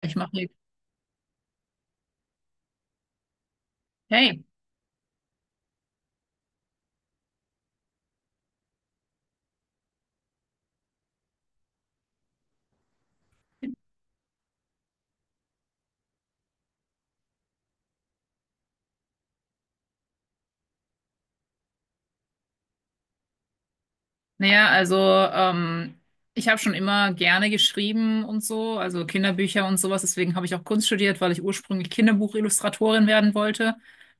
Ich mache nichts. Hey, naja, also ich habe schon immer gerne geschrieben und so, also Kinderbücher und sowas. Deswegen habe ich auch Kunst studiert, weil ich ursprünglich Kinderbuchillustratorin werden wollte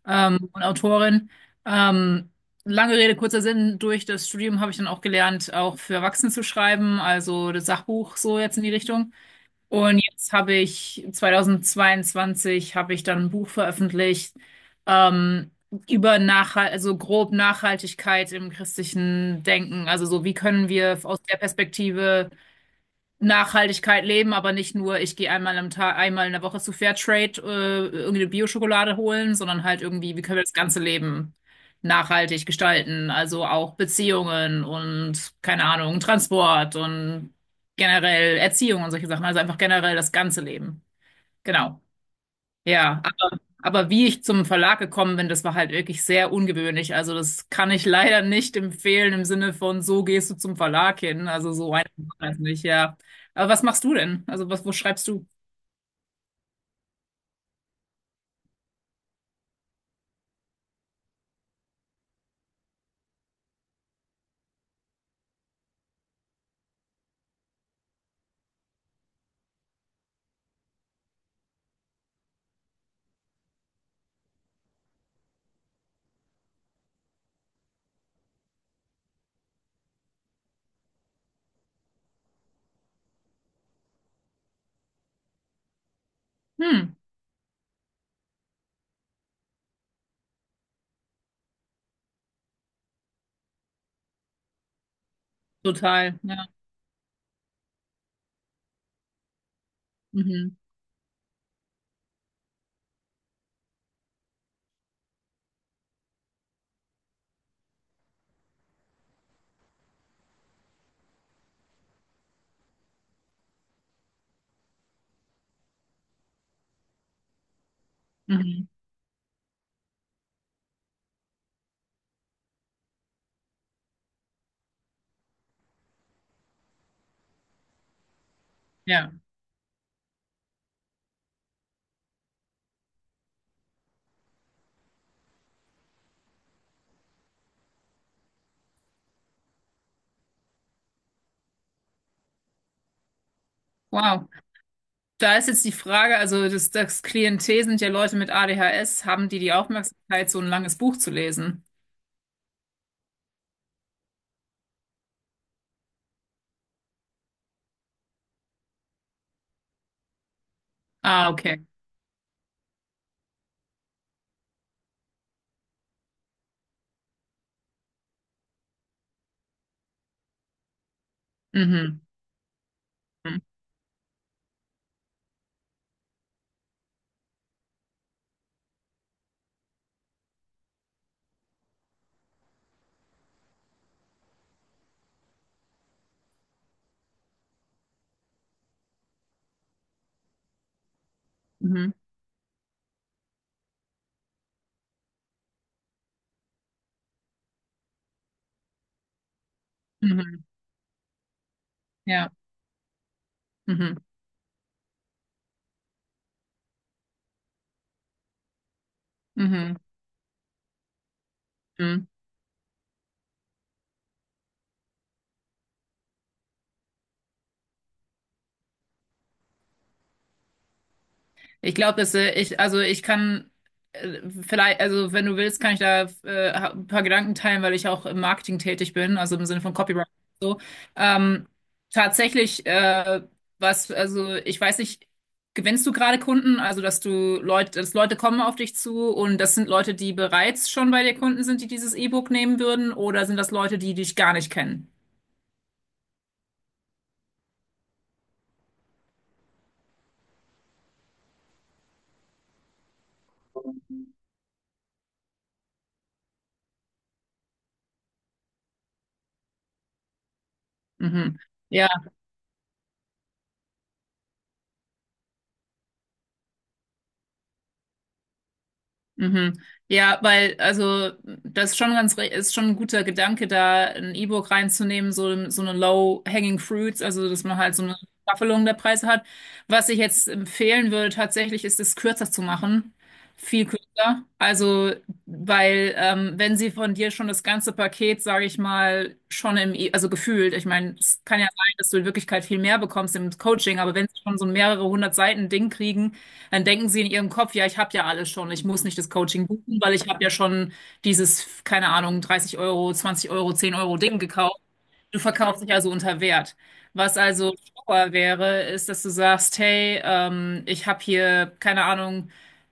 und Autorin. Ähm, lange Rede, kurzer Sinn, durch das Studium habe ich dann auch gelernt, auch für Erwachsene zu schreiben, also das Sachbuch so jetzt in die Richtung. Und jetzt habe ich 2022 habe ich dann ein Buch veröffentlicht ähm, über also grob Nachhaltigkeit im christlichen Denken. Also so, wie können wir aus der Perspektive Nachhaltigkeit leben, aber nicht nur, ich gehe einmal am Tag, einmal in der Woche zu Fairtrade, irgendeine Bio-Schokolade holen, sondern halt irgendwie, wie können wir das ganze Leben nachhaltig gestalten? Also auch Beziehungen und, keine Ahnung, Transport und generell Erziehung und solche Sachen. Also einfach generell das ganze Leben. Genau. Ja, aber wie ich zum Verlag gekommen bin, das war halt wirklich sehr ungewöhnlich. Also das kann ich leider nicht empfehlen im Sinne von, so gehst du zum Verlag hin. Also so einfach war das nicht, ja. Aber was machst du denn? Also was, wo schreibst du? Hm, total, ja. Mhm. Mhm. Ja. Wow. Da ist jetzt die Frage, also das Klientel sind ja Leute mit ADHS, haben die die Aufmerksamkeit, so ein langes Buch zu lesen? Ah, okay. Mhm. Mhm. Mhm. Mhm. Ja. Mhm. Mhm. Mhm. Mhm. Ich glaube, dass ich, also ich kann äh, vielleicht, also wenn du willst, kann ich da ein paar Gedanken teilen, weil ich auch im Marketing tätig bin, also im Sinne von Copywriting und so. Ähm, tatsächlich, was, also ich weiß nicht, gewinnst du gerade Kunden, also dass du Leute, dass Leute kommen auf dich zu und das sind Leute, die bereits schon bei dir Kunden sind, die dieses E-Book nehmen würden, oder sind das Leute, die dich gar nicht kennen? Mhm. Ja. Mhm. Ja, weil, also, das ist schon ganz, ist schon ein guter Gedanke, da ein E-Book reinzunehmen, so, so eine Low-Hanging Fruits, also, dass man halt so eine Staffelung der Preise hat. Was ich jetzt empfehlen würde, tatsächlich, ist es kürzer zu machen. Viel kürzer. Also, weil, wenn sie von dir schon das ganze Paket, sage ich mal, schon also gefühlt, ich meine, es kann ja sein, dass du in Wirklichkeit viel mehr bekommst im Coaching, aber wenn sie schon so ein mehrere hundert Seiten Ding kriegen, dann denken sie in ihrem Kopf, ja, ich habe ja alles schon, ich muss nicht das Coaching buchen, weil ich habe ja schon dieses, keine Ahnung, 30 Euro, 20 Euro, 10 € Ding gekauft. Du verkaufst dich also unter Wert. Was also schlauer wäre, ist, dass du sagst, hey, ich habe hier, keine Ahnung,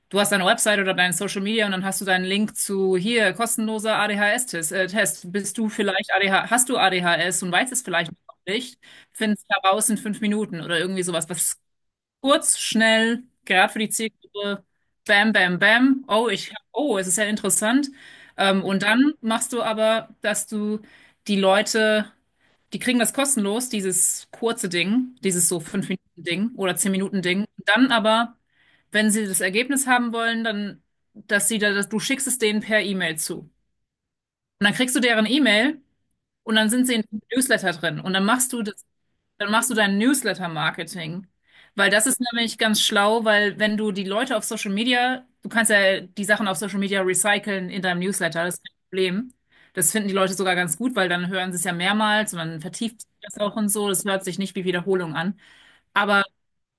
du hast deine Website oder deine Social Media und dann hast du deinen Link zu hier, kostenloser ADHS-Test. Test. Bist du vielleicht hast du ADHS und weißt es vielleicht noch nicht? Findest heraus in 5 Minuten oder irgendwie sowas, was kurz, schnell, gerade für die Zielgruppe. Bam, bam, bam. Oh, oh, es ist ja interessant. Und dann machst du aber, dass du die Leute, die kriegen das kostenlos, dieses kurze Ding, dieses so 5 Minuten Ding oder 10 Minuten Ding. Dann aber, wenn sie das Ergebnis haben wollen, dann, dass sie da, dass du schickst es denen per E-Mail zu. Und dann kriegst du deren E-Mail und dann sind sie in dem Newsletter drin. Und dann machst du das dann machst du dein Newsletter-Marketing. Weil das ist nämlich ganz schlau, weil wenn du die Leute auf Social Media, du kannst ja die Sachen auf Social Media recyceln in deinem Newsletter, das ist kein Problem. Das finden die Leute sogar ganz gut, weil dann hören sie es ja mehrmals und dann vertieft sich das auch und so. Das hört sich nicht wie Wiederholung an. Aber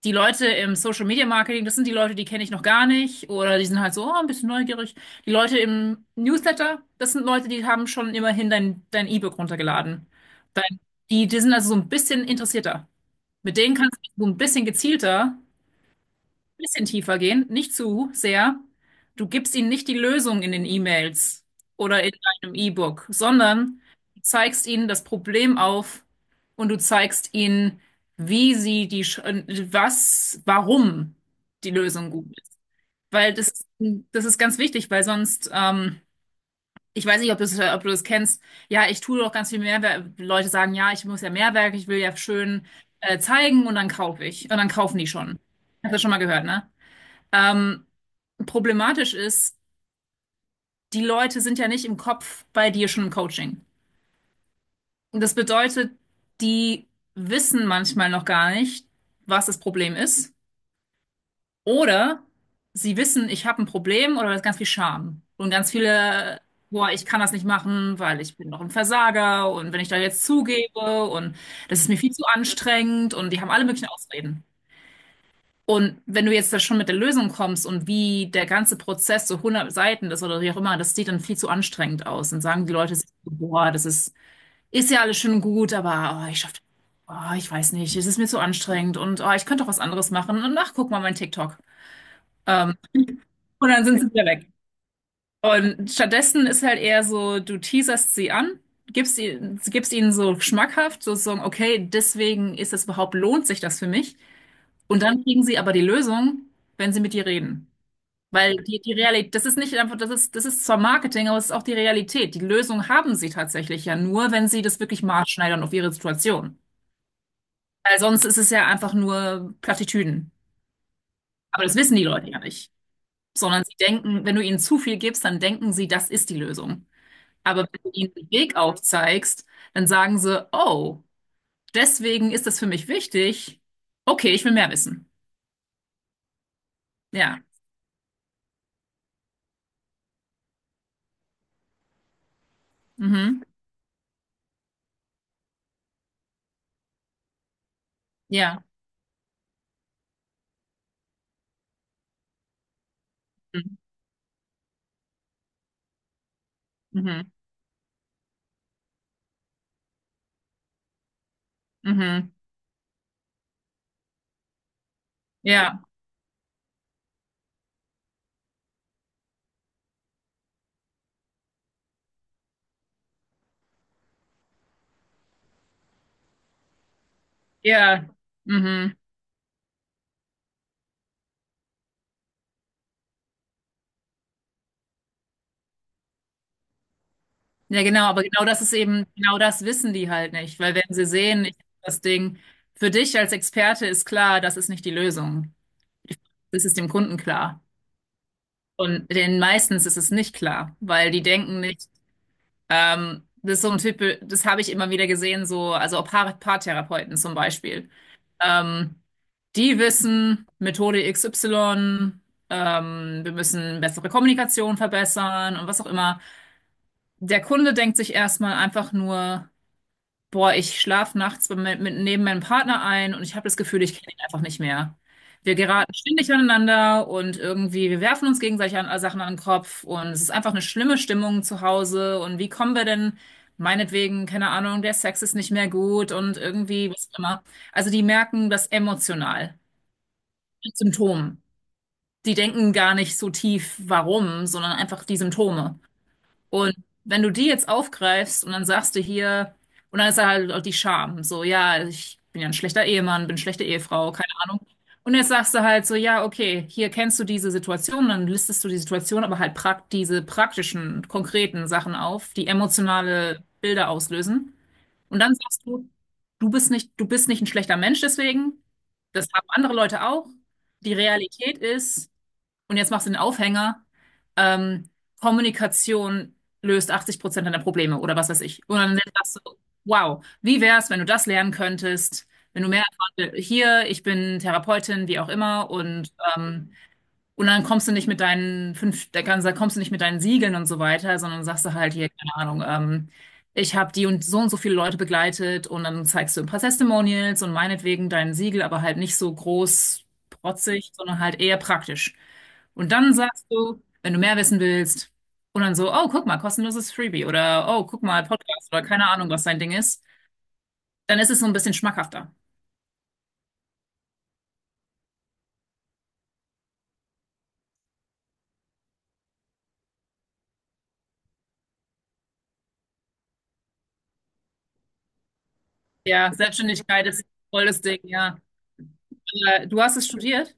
die Leute im Social Media Marketing, das sind die Leute, die kenne ich noch gar nicht oder die sind halt so oh, ein bisschen neugierig. Die Leute im Newsletter, das sind Leute, die haben schon immerhin dein E-Book runtergeladen. Dein, die sind also so ein bisschen interessierter. Mit denen kannst du so ein bisschen gezielter, ein bisschen tiefer gehen, nicht zu sehr. Du gibst ihnen nicht die Lösung in den E-Mails oder in deinem E-Book, sondern du zeigst ihnen das Problem auf und du zeigst ihnen, wie sie die, Sch- was, warum die Lösung gut ist. Weil das ist ganz wichtig, weil sonst ich weiß nicht, ob du das kennst. Ja, ich tue doch ganz viel Mehrwert. Leute sagen, ja, ich muss ja Mehrwert, ich will ja schön zeigen und dann kaufe ich. Und dann kaufen die schon. Hast du schon mal gehört, ne? Ähm, problematisch ist, die Leute sind ja nicht im Kopf bei dir schon im Coaching. Und das bedeutet, die wissen manchmal noch gar nicht, was das Problem ist. Oder sie wissen, ich habe ein Problem oder da ist ganz viel Scham und ganz viele, boah, ich kann das nicht machen, weil ich bin doch ein Versager und wenn ich da jetzt zugebe und das ist mir viel zu anstrengend und die haben alle möglichen Ausreden. Und wenn du jetzt da schon mit der Lösung kommst und wie der ganze Prozess so hundert Seiten ist oder wie auch immer, das sieht dann viel zu anstrengend aus. Dann sagen die Leute, sich so, boah, das ist, ist ja alles schön und gut, aber oh, ich schaffe, oh, ich weiß nicht, es ist mir zu anstrengend und oh, ich könnte doch was anderes machen und ach, guck mal mein TikTok. Ähm, und dann sind sie wieder weg. Und stattdessen ist halt eher so, du teaserst sie an, gibst ihnen so schmackhaft, sozusagen, okay, deswegen ist es überhaupt, lohnt sich das für mich. Und dann kriegen sie aber die Lösung, wenn sie mit dir reden. Weil die, die Realität, das ist nicht einfach, das ist zwar Marketing, aber es ist auch die Realität. Die Lösung haben sie tatsächlich ja nur, wenn sie das wirklich maßschneidern auf ihre Situation. Weil sonst ist es ja einfach nur Plattitüden. Aber das wissen die Leute ja nicht. Sondern sie denken, wenn du ihnen zu viel gibst, dann denken sie, das ist die Lösung. Aber wenn du ihnen den Weg aufzeigst, dann sagen sie, oh, deswegen ist das für mich wichtig. Okay, ich will mehr wissen. Ja. Mhm. Ja. Mhm. Mhm. Mhm. Ja. Ja. Mhm. Ja, genau, aber genau das ist eben, genau das wissen die halt nicht, weil wenn sie sehen, das Ding, für dich als Experte ist klar, das ist nicht die Lösung. Das ist dem Kunden klar. Und den meistens ist es nicht klar, weil die denken nicht. Das ist so ein Typ, das habe ich immer wieder gesehen, so, also auch Paartherapeuten zum Beispiel. Ähm, die wissen, Methode XY, wir müssen bessere Kommunikation verbessern und was auch immer. Der Kunde denkt sich erstmal einfach nur, boah, ich schlafe nachts neben meinem Partner ein und ich habe das Gefühl, ich kenne ihn einfach nicht mehr. Wir geraten ständig aneinander und irgendwie, wir werfen uns gegenseitig an, Sachen an den Kopf und es ist einfach eine schlimme Stimmung zu Hause. Und wie kommen wir denn, meinetwegen, keine Ahnung, der Sex ist nicht mehr gut und irgendwie, was auch immer. Also die merken das emotional, die Symptome. Die denken gar nicht so tief, warum, sondern einfach die Symptome. Und wenn du die jetzt aufgreifst und dann sagst du hier, und dann ist da halt auch die Scham, so, ja, ich bin ja ein schlechter Ehemann, bin eine schlechte Ehefrau, keine Ahnung. Und jetzt sagst du halt so, ja, okay, hier kennst du diese Situation, dann listest du die Situation, aber halt prak diese praktischen, konkreten Sachen auf, die emotionale Bilder auslösen. Und dann sagst du, du bist nicht ein schlechter Mensch deswegen, das haben andere Leute auch. Die Realität ist, und jetzt machst du den Aufhänger. Ähm, Kommunikation löst 80% deiner Probleme oder was weiß ich. Und dann sagst du, wow, wie wär's, wenn du das lernen könntest, wenn du mehr erfahren will- Hier, ich bin Therapeutin, wie auch immer, und dann kommst du nicht mit deinen fünf, da kannst- da kommst du nicht mit deinen Siegeln und so weiter, sondern sagst du halt hier, keine Ahnung, ich habe die und so viele Leute begleitet und dann zeigst du ein paar Testimonials und meinetwegen dein Siegel, aber halt nicht so groß protzig, sondern halt eher praktisch. Und dann sagst du, wenn du mehr wissen willst, und dann so, oh, guck mal, kostenloses Freebie oder oh, guck mal, Podcast oder keine Ahnung, was dein Ding ist, dann ist es so ein bisschen schmackhafter. Ja, Selbstständigkeit ist voll das Ding, ja. Aber du hast es studiert?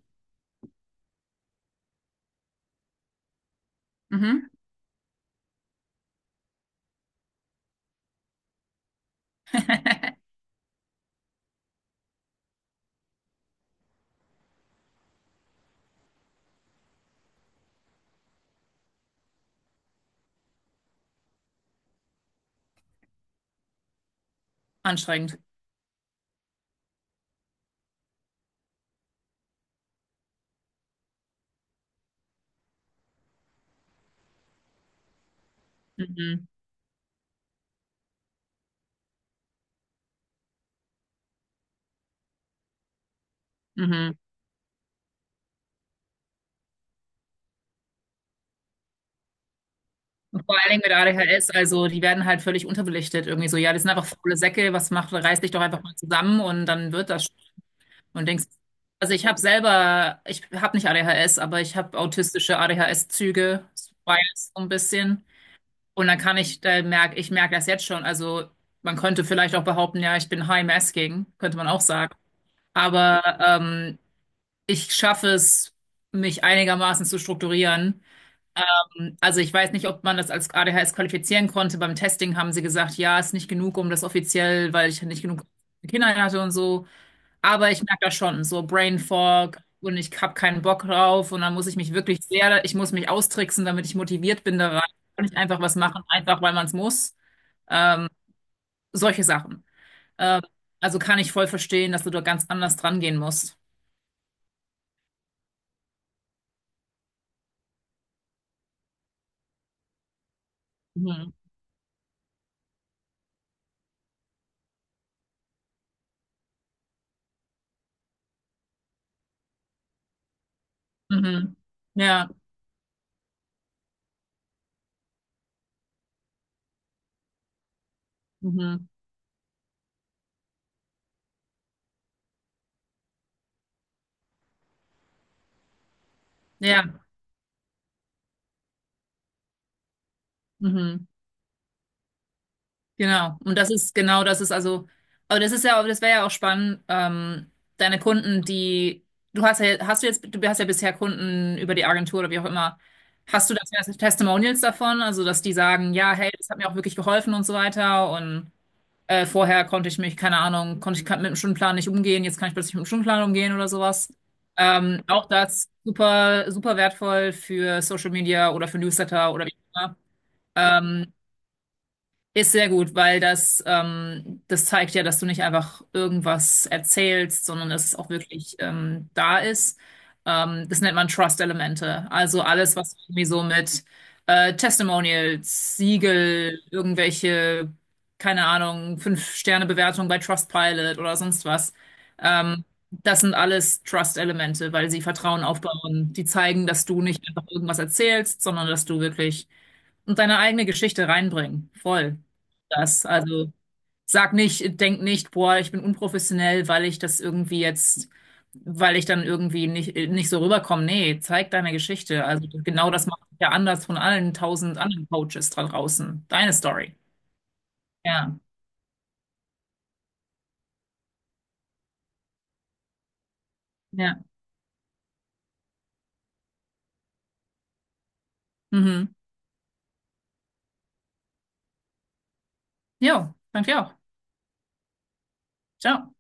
Mhm. Anstrengend. Mhm, mhm. Und vor allen Dingen mit ADHS, also die werden halt völlig unterbelichtet irgendwie so. Ja, die sind einfach faule Säcke, was macht, reiß dich doch einfach mal zusammen und dann wird das schon. Und denkst, ich habe nicht ADHS, aber ich habe autistische ADHS-Züge, Bias so ein bisschen. Und dann kann ich, ich merke das jetzt schon. Also man könnte vielleicht auch behaupten, ja, ich bin high-masking, könnte man auch sagen. Aber ich schaffe es, mich einigermaßen zu strukturieren. Also ich weiß nicht, ob man das als ADHS qualifizieren konnte. Beim Testing haben sie gesagt, ja, ist nicht genug, um das offiziell, weil ich nicht genug Kinder hatte und so. Aber ich merke das schon, so Brain Fog und ich habe keinen Bock drauf und dann muss ich mich wirklich sehr, ich muss mich austricksen, damit ich motiviert bin da rein. Kann ich einfach was machen, einfach weil man es muss. Ähm, solche Sachen. Ähm, also kann ich voll verstehen, dass du da ganz anders dran gehen musst. Mhm. Mhm. Ja. Mhm. Ja. Mhm. Genau. Und das ist genau, das ist also, aber das ist ja, aber das wäre ja auch spannend, deine Kunden, die, du hast ja, hast du jetzt, du hast ja bisher Kunden über die Agentur oder wie auch immer. Hast du das Testimonials davon? Also, dass die sagen, ja, hey, das hat mir auch wirklich geholfen und so weiter. Und vorher konnte ich mich, keine Ahnung, konnte ich mit dem Stundenplan nicht umgehen, jetzt kann ich plötzlich mit dem Stundenplan umgehen oder sowas. Auch das super, super wertvoll für Social Media oder für Newsletter oder wie auch immer. Ähm, ist sehr gut, weil das, das zeigt ja, dass du nicht einfach irgendwas erzählst, sondern dass es auch wirklich da ist. Das nennt man Trust-Elemente. Also alles, was irgendwie so mit Testimonials, Siegel, irgendwelche, keine Ahnung, Fünf-Sterne-Bewertungen bei Trustpilot oder sonst was. Ähm, das sind alles Trust-Elemente, weil sie Vertrauen aufbauen. Die zeigen, dass du nicht einfach irgendwas erzählst, sondern dass du wirklich und deine eigene Geschichte reinbringen. Voll. Das. Also sag nicht, denk nicht, boah, ich bin unprofessionell, weil ich das irgendwie jetzt, weil ich dann irgendwie nicht so rüberkomme. Nee, zeig deine Geschichte. Also genau das macht dich ja anders von allen tausend anderen Coaches da draußen. Deine Story. Ja. Ja. Mhm. Jo, danke auch. Ciao.